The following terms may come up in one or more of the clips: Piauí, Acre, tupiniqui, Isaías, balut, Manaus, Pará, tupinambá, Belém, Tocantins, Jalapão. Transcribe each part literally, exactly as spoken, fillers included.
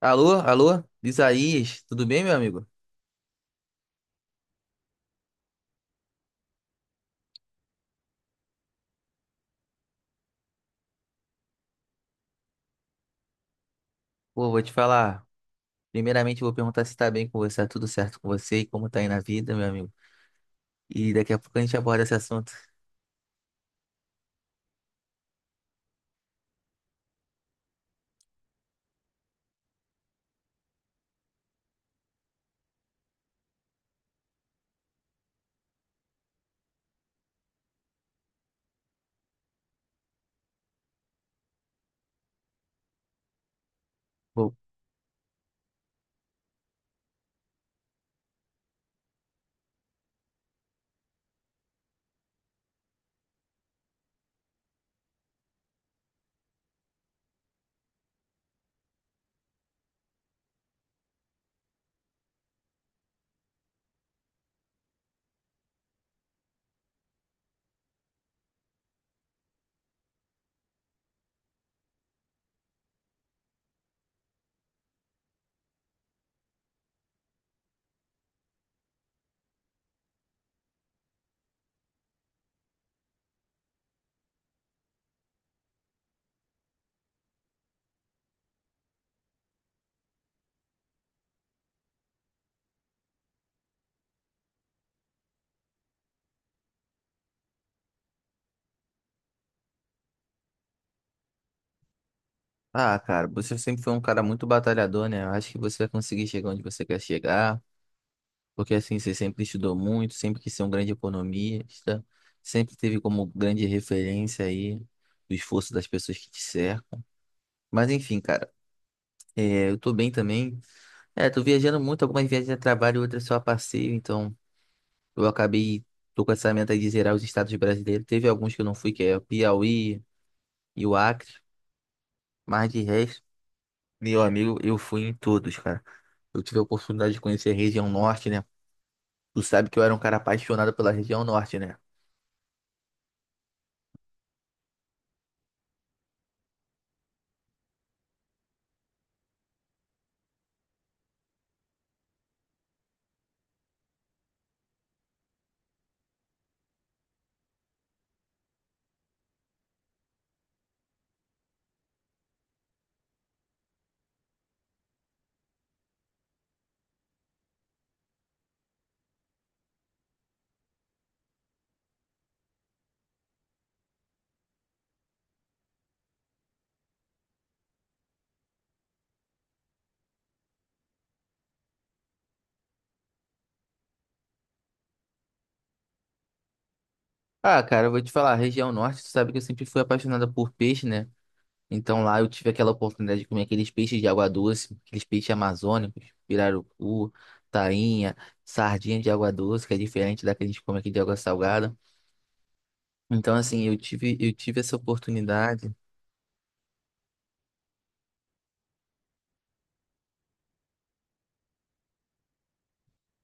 Alô, alô, Isaías, tudo bem, meu amigo? Pô, vou te falar. Primeiramente, eu vou perguntar se tá bem com você, tá tudo certo com você e como tá aí na vida, meu amigo. E daqui a pouco a gente aborda esse assunto. Pô, ah, cara, você sempre foi um cara muito batalhador, né? Eu acho que você vai conseguir chegar onde você quer chegar, porque assim, você sempre estudou muito, sempre quis ser um grande economista, sempre teve como grande referência aí o esforço das pessoas que te cercam. Mas enfim, cara, é, eu tô bem também. É, tô viajando muito, algumas viagens a trabalho, outras só a passeio, então eu acabei, tô com essa meta aí de zerar os estados brasileiros. Teve alguns que eu não fui, que é o Piauí e o Acre, mas de resto, meu amigo, eu fui em todos, cara. Eu tive a oportunidade de conhecer a região norte, né? Tu sabe que eu era um cara apaixonado pela região norte, né? Ah, cara, eu vou te falar, a região norte, tu sabe que eu sempre fui apaixonado por peixe, né? Então lá eu tive aquela oportunidade de comer aqueles peixes de água doce, aqueles peixes amazônicos, pirarucu, tainha, sardinha de água doce, que é diferente da que a gente come aqui de água salgada. Então assim, eu tive, eu tive essa oportunidade,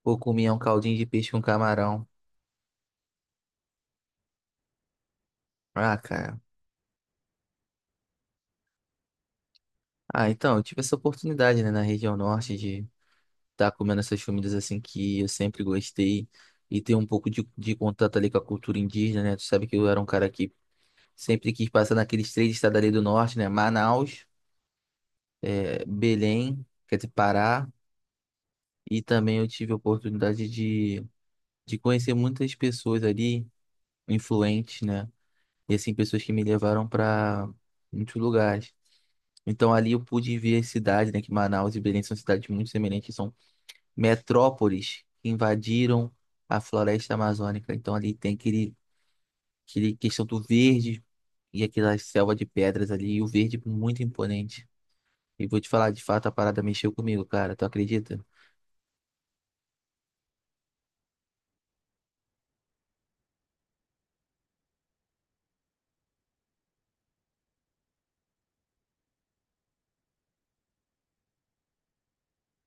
ou comia um caldinho de peixe com camarão. Ah, cara. Ah, então, eu tive essa oportunidade, né, na região norte de estar comendo essas comidas assim que eu sempre gostei e ter um pouco de, de contato ali com a cultura indígena, né? Tu sabe que eu era um cara que sempre quis passar naqueles três estados ali do norte, né? Manaus, eh, Belém, quer dizer, Pará, e também eu tive a oportunidade de, de conhecer muitas pessoas ali, influentes, né? E assim, pessoas que me levaram para muitos lugares. Então ali eu pude ver as cidades, né? Que Manaus e Belém são cidades muito semelhantes, são metrópoles que invadiram a floresta amazônica. Então ali tem aquele, aquele questão do verde e aquela selva de pedras ali, e o verde muito imponente. E vou te falar, de fato, a parada mexeu comigo, cara. Tu acredita?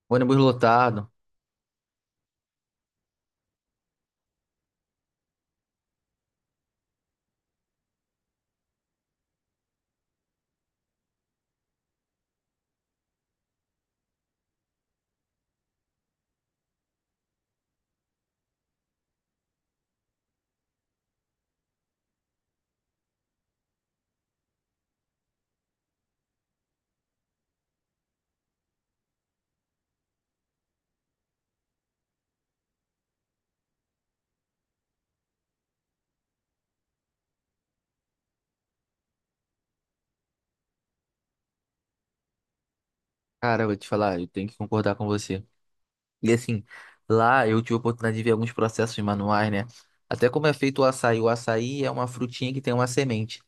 Ônibus lotado. Cara, eu vou te falar, eu tenho que concordar com você. E assim, lá eu tive a oportunidade de ver alguns processos manuais, né? Até como é feito o açaí. O açaí é uma frutinha que tem uma semente.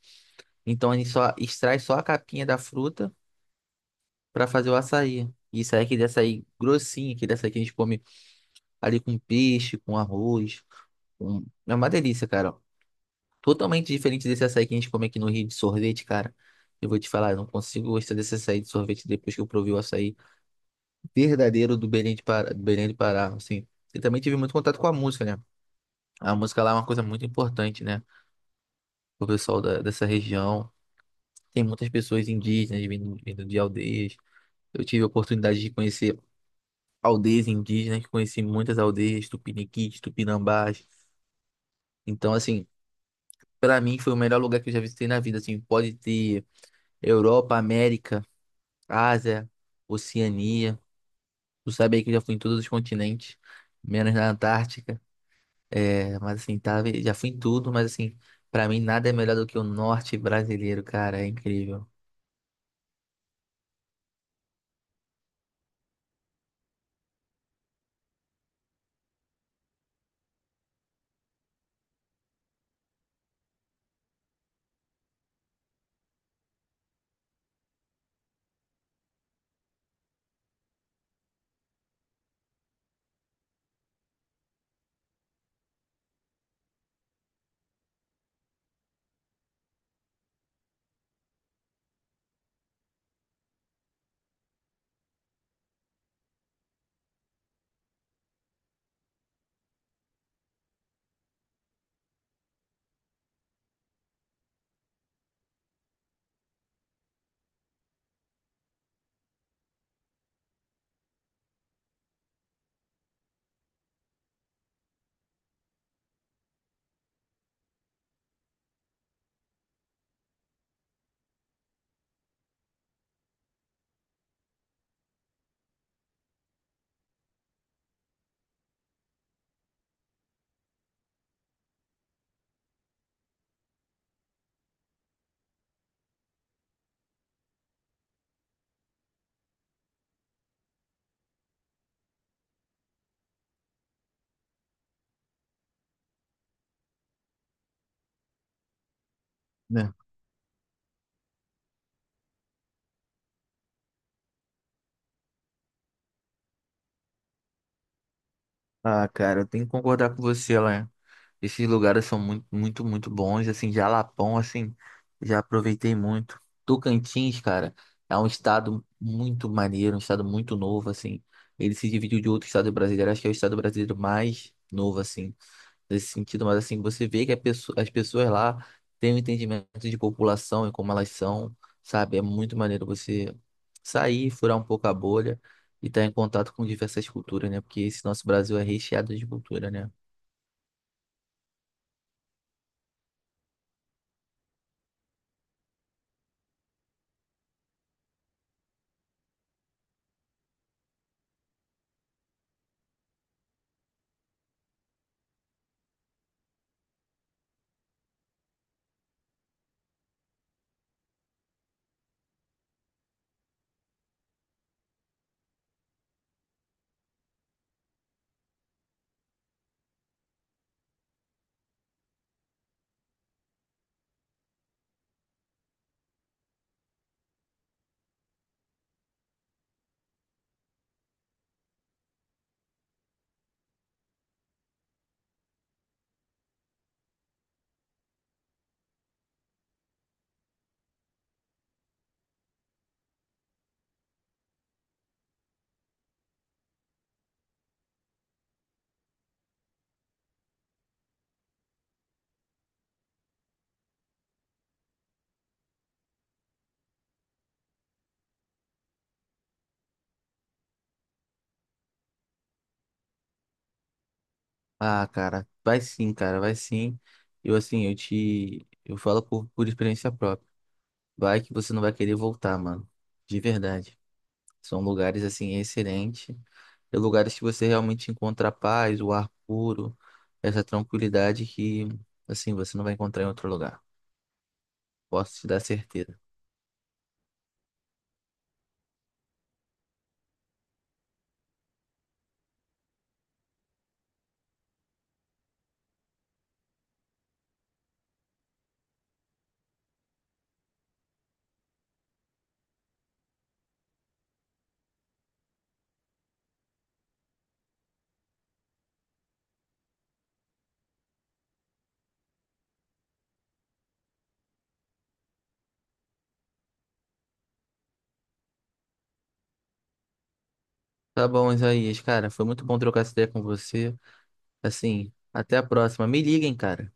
Então a gente só extrai só a capinha da fruta para fazer o açaí. E isso aí é aquele açaí grossinho, aquele açaí que a gente come ali com peixe, com arroz. com- É uma delícia, cara. Totalmente diferente desse açaí que a gente come aqui no Rio de sorvete, cara. Eu vou te falar, eu não consigo gostar desse açaí de sorvete depois que eu provei o açaí verdadeiro do Belém de Pará, do Belém do Pará, assim. E também tive muito contato com a música, né? A música lá é uma coisa muito importante, né? O pessoal da- dessa região. Tem muitas pessoas indígenas vindo, vindo de aldeias. Eu tive a oportunidade de conhecer aldeias indígenas, conheci muitas aldeias, tupiniquis, tupinambás. Então, assim, pra mim foi o melhor lugar que eu já visitei na vida, assim. Pode ter Europa, América, Ásia, Oceania. Tu sabe aí que eu já fui em todos os continentes, menos na Antártica. É, mas assim, tá, já fui em tudo, mas assim, pra mim nada é melhor do que o norte brasileiro, cara, é incrível. Né? Ah, cara, eu tenho que concordar com você, lá. Esses lugares são muito, muito, muito bons, assim. Jalapão, assim, já aproveitei muito. Tocantins, cara, é um estado muito maneiro, um estado muito novo, assim. Ele se dividiu de outro estado brasileiro, acho que é o estado brasileiro mais novo, assim, nesse sentido, mas assim, você vê que a pesso- as pessoas lá têm um entendimento de população e como elas são, sabe? É muito maneiro você sair, furar um pouco a bolha e estar em contato com diversas culturas, né? Porque esse nosso Brasil é recheado de cultura, né? Ah, cara, vai sim, cara, vai sim. Eu assim, eu te, eu falo por, por experiência própria. Vai que você não vai querer voltar, mano. De verdade. São lugares assim excelentes, é lugares que você realmente encontra a paz, o ar puro, essa tranquilidade que assim você não vai encontrar em outro lugar. Posso te dar certeza. Tá bom, Isaías, cara, foi muito bom trocar essa ideia com você. Assim, até a próxima. Me liguem, cara.